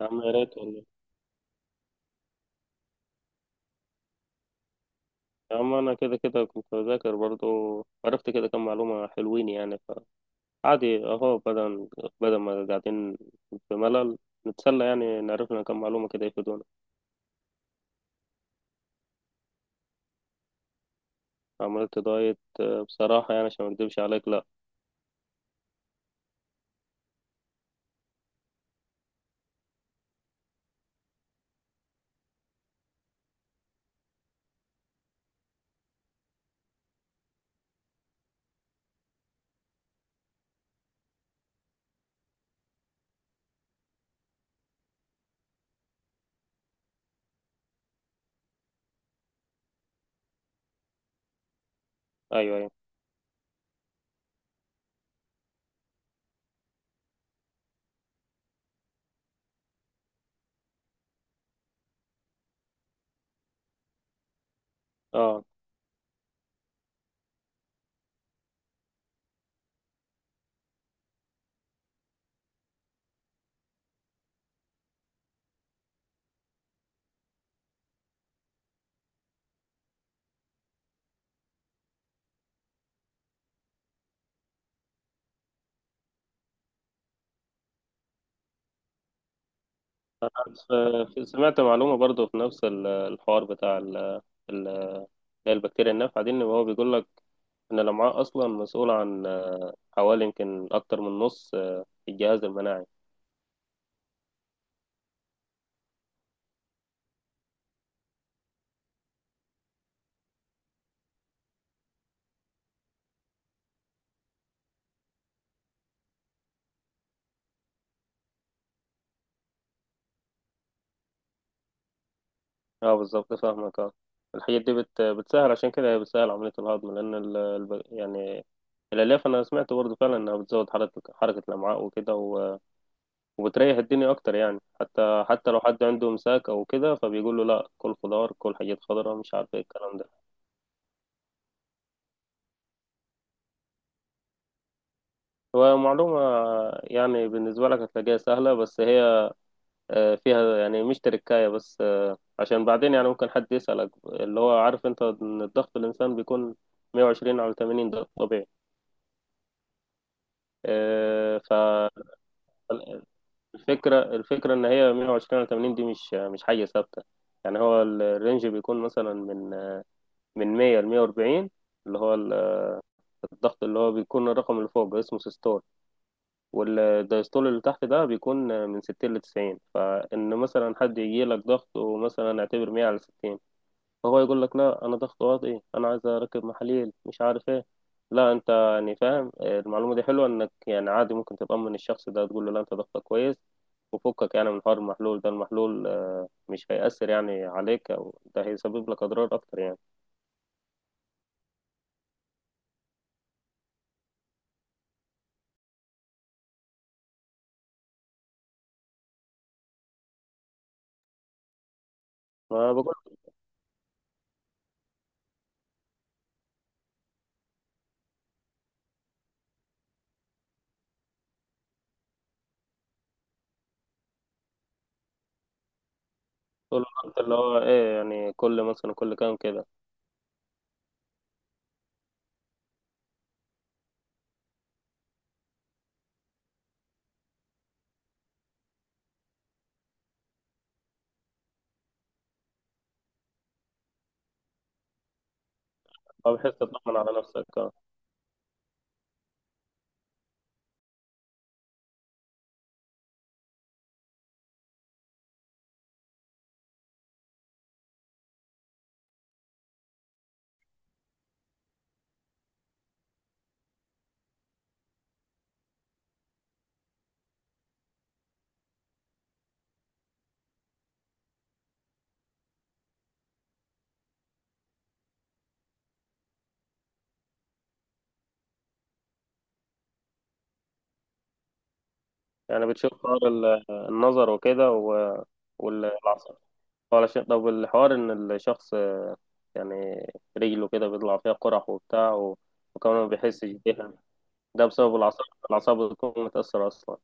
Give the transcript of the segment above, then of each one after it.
يا عم يا ريت والله. يا عم انا كده كده كنت بذاكر برضه، عرفت كده كم معلومة حلوين يعني. فعادي اهو بدل ما قاعدين في ملل نتسلى، يعني نعرف لنا كم معلومة كده يفيدونا. عملت دايت، بصراحة يعني عشان ما اكدبش عليك، لا. ايوه ايوه، اه. أنا سمعت معلومة برضه في نفس الحوار بتاع ال- البكتيريا النافعة دي، ان هو بيقول لك ان الامعاء اصلا مسؤولة عن حوالي يمكن اكتر من نص الجهاز المناعي. اه بالظبط فاهمك، اه. الحاجات دي بتسهل، عشان كده هي بتسهل عملية الهضم، لأن يعني الألياف، أنا سمعت برضه فعلا إنها بتزود حركة الأمعاء وكده، وبتريح الدنيا أكتر. يعني حتى لو حد عنده إمساك أو كده، فبيقول له لأ، كل خضار، كل حاجات خضراء، مش عارف إيه الكلام ده. هو معلومة يعني بالنسبة لك هتلاقيها سهلة، بس هي فيها يعني مش تركاية، بس عشان بعدين يعني ممكن حد يسألك. اللي هو عارف أنت إن الضغط، الإنسان بيكون 120 على 80 ده طبيعي، آه، فالفكرة إن هي 120 على 80 دي مش حاجة ثابتة. يعني هو الرينج بيكون مثلا من 100 ل 140 اللي هو الضغط، اللي هو بيكون الرقم اللي فوق اسمه سيستول، والدايستول اللي تحت ده بيكون من 60 ل 90. فإن مثلا حد يجي لك ضغط ومثلا اعتبر 100 على 60، فهو يقول لك لا انا ضغط واطي، انا عايز اركب محاليل مش عارف ايه، لا انت، يعني فاهم، المعلومه دي حلوه، انك يعني عادي ممكن تطمن الشخص ده، تقول له لا انت ضغطك كويس، وفكك يعني من حوار المحلول ده، المحلول مش هيأثر يعني عليك، او ده هيسبب لك اضرار اكتر يعني. ما بقول بقول له، انت اللي هو ايه يعني، كل مثلا كل كام كده، فبحيث تطمن على نفسك، يعني بتشوف حوار النظر وكده، والعصب. علشان طب الحوار، ان الشخص يعني رجله كده بيطلع فيها قرح وبتاع، وكمان ما بيحسش بيها، ده بسبب الأعصاب، بتكون متأثرة أصلا.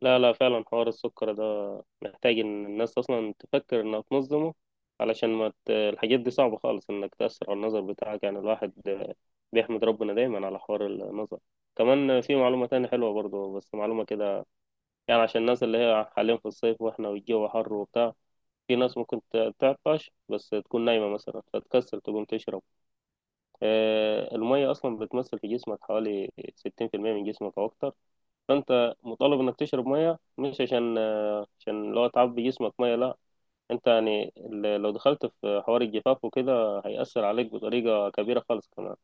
لا لا، فعلا حوار السكر ده محتاج إن الناس أصلا تفكر إنها تنظمه، علشان ما ت... الحاجات دي صعبة خالص، إنك تأثر على النظر بتاعك، يعني الواحد بيحمد ربنا دايما على حوار النظر. كمان في معلومة تانية حلوة برضه، بس معلومة كده يعني عشان الناس اللي هي حاليا في الصيف واحنا والجو حر وبتاع، في ناس ممكن تعطش بس تكون نايمة مثلا، فتكسل تقوم تشرب. المية أصلا بتمثل في جسمك حوالي 60% من جسمك أو أكتر، فأنت مطالب إنك تشرب مية. مش عشان لو تعبي جسمك مية، لا، أنت يعني لو دخلت في حوار الجفاف وكده هيأثر عليك بطريقة كبيرة خالص كمان.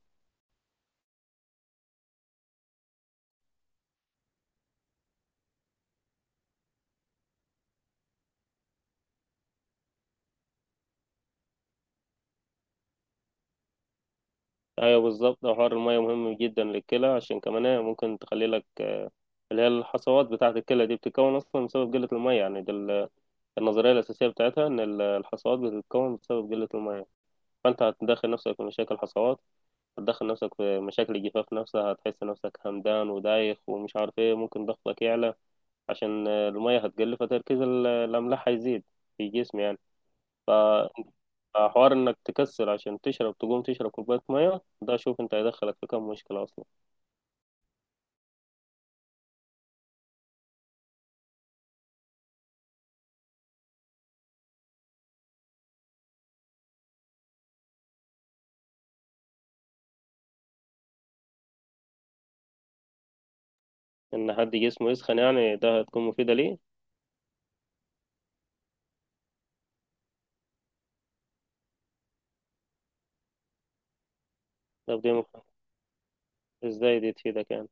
أيوة بالظبط، حوار المية مهم جدا للكلى، عشان كمان هي ممكن تخلي لك، اللي هي الحصوات بتاعة الكلى دي بتتكون أصلا بسبب قلة المية، يعني ده النظرية الأساسية بتاعتها، إن الحصوات بتتكون بسبب قلة المية. فأنت هتدخل نفسك في مشاكل حصوات، هتدخل نفسك في مشاكل الجفاف نفسها، هتحس نفسك همدان ودايخ ومش عارف ايه، ممكن ضغطك يعلى عشان المية هتقل، فتركيز الأملاح هيزيد في الجسم يعني. ف- فحوار إنك تكسل عشان تشرب، تقوم تشرب كوباية مية، ده شوف أنت هيدخلك في كم مشكلة أصلا. إن حد جسمه يسخن يعني، ده هتكون مفيدة ليه؟ ده بدي مف- إزاي دي تفيدك يعني؟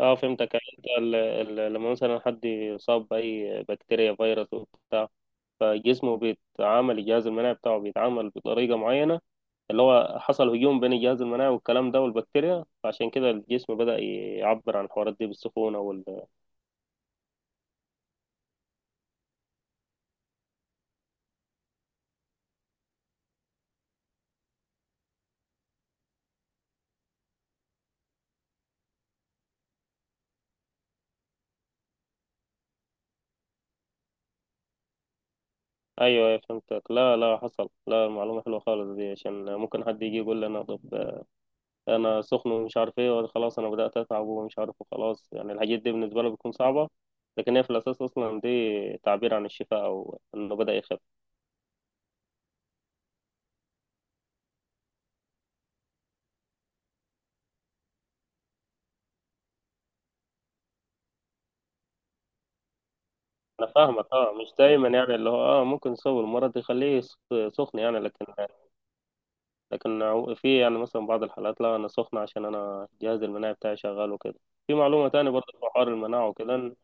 اه فهمتك، يعني انت لما مثلا حد يصاب بأي بكتيريا، فيروس وبتاع، فجسمه بيتعامل، الجهاز المناعي بتاعه بيتعامل بطريقة معينة، اللي هو حصل هجوم بين الجهاز المناعي والكلام ده والبكتيريا، فعشان كده الجسم بدأ يعبر عن الحوارات دي بالسخونة وال... أيوه أيوة فهمتك. لا لا، حصل، لا، معلومة حلوة خالص دي، عشان ممكن حد يجي يقول لي، أنا طب أنا سخن ومش عارف إيه وخلاص أنا بدأت أتعب ومش عارف، وخلاص، يعني الحاجات دي بالنسبة له بتكون صعبة، لكن هي في الأساس أصلا دي تعبير عن الشفاء أو إنه بدأ يخف. أنا فاهمك، أه مش دايما، يعني اللي هو أه ممكن يسوي المرض يخليه سخن يعني، لكن في يعني مثلا بعض الحالات، لا انا سخنة عشان انا الجهاز المناعي بتاعي شغال وكده. في معلومة تانية برضه في حوار المناعة وكده، إن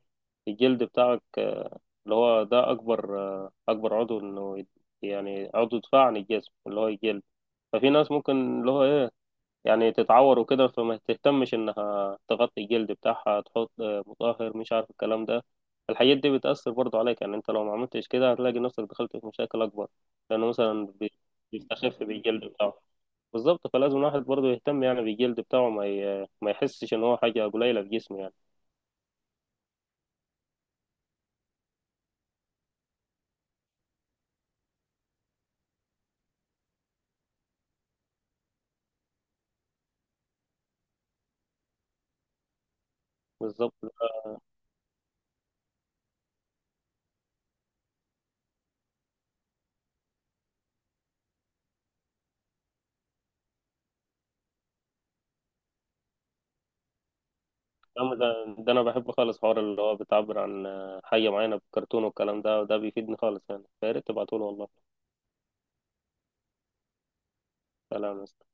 الجلد بتاعك اللي هو ده اكبر اكبر عضو، انه يعني عضو دفاع عن الجسم، اللي هو الجلد. ففي ناس ممكن اللي هو ايه، يعني تتعور وكده، فما تهتمش انها تغطي الجلد بتاعها، تحط مطهر مش عارف الكلام ده. الحاجات دي بتأثر برضه عليك، يعني انت لو ما عملتش كده هتلاقي نفسك دخلت في مشاكل اكبر، لانه مثلا بيستخف بالجلد بتاعه. بالظبط، فلازم الواحد برضه يهتم يعني بالجلد بتاعه، ما يحسش ان هو حاجه قليله في جسمه يعني. بالظبط. الكلام ده، ده انا بحب خالص حوار اللي هو بتعبر عن حاجه معينه بكرتون والكلام ده، وده بيفيدني خالص يعني، فيا ريت تبعتوله والله. سلام.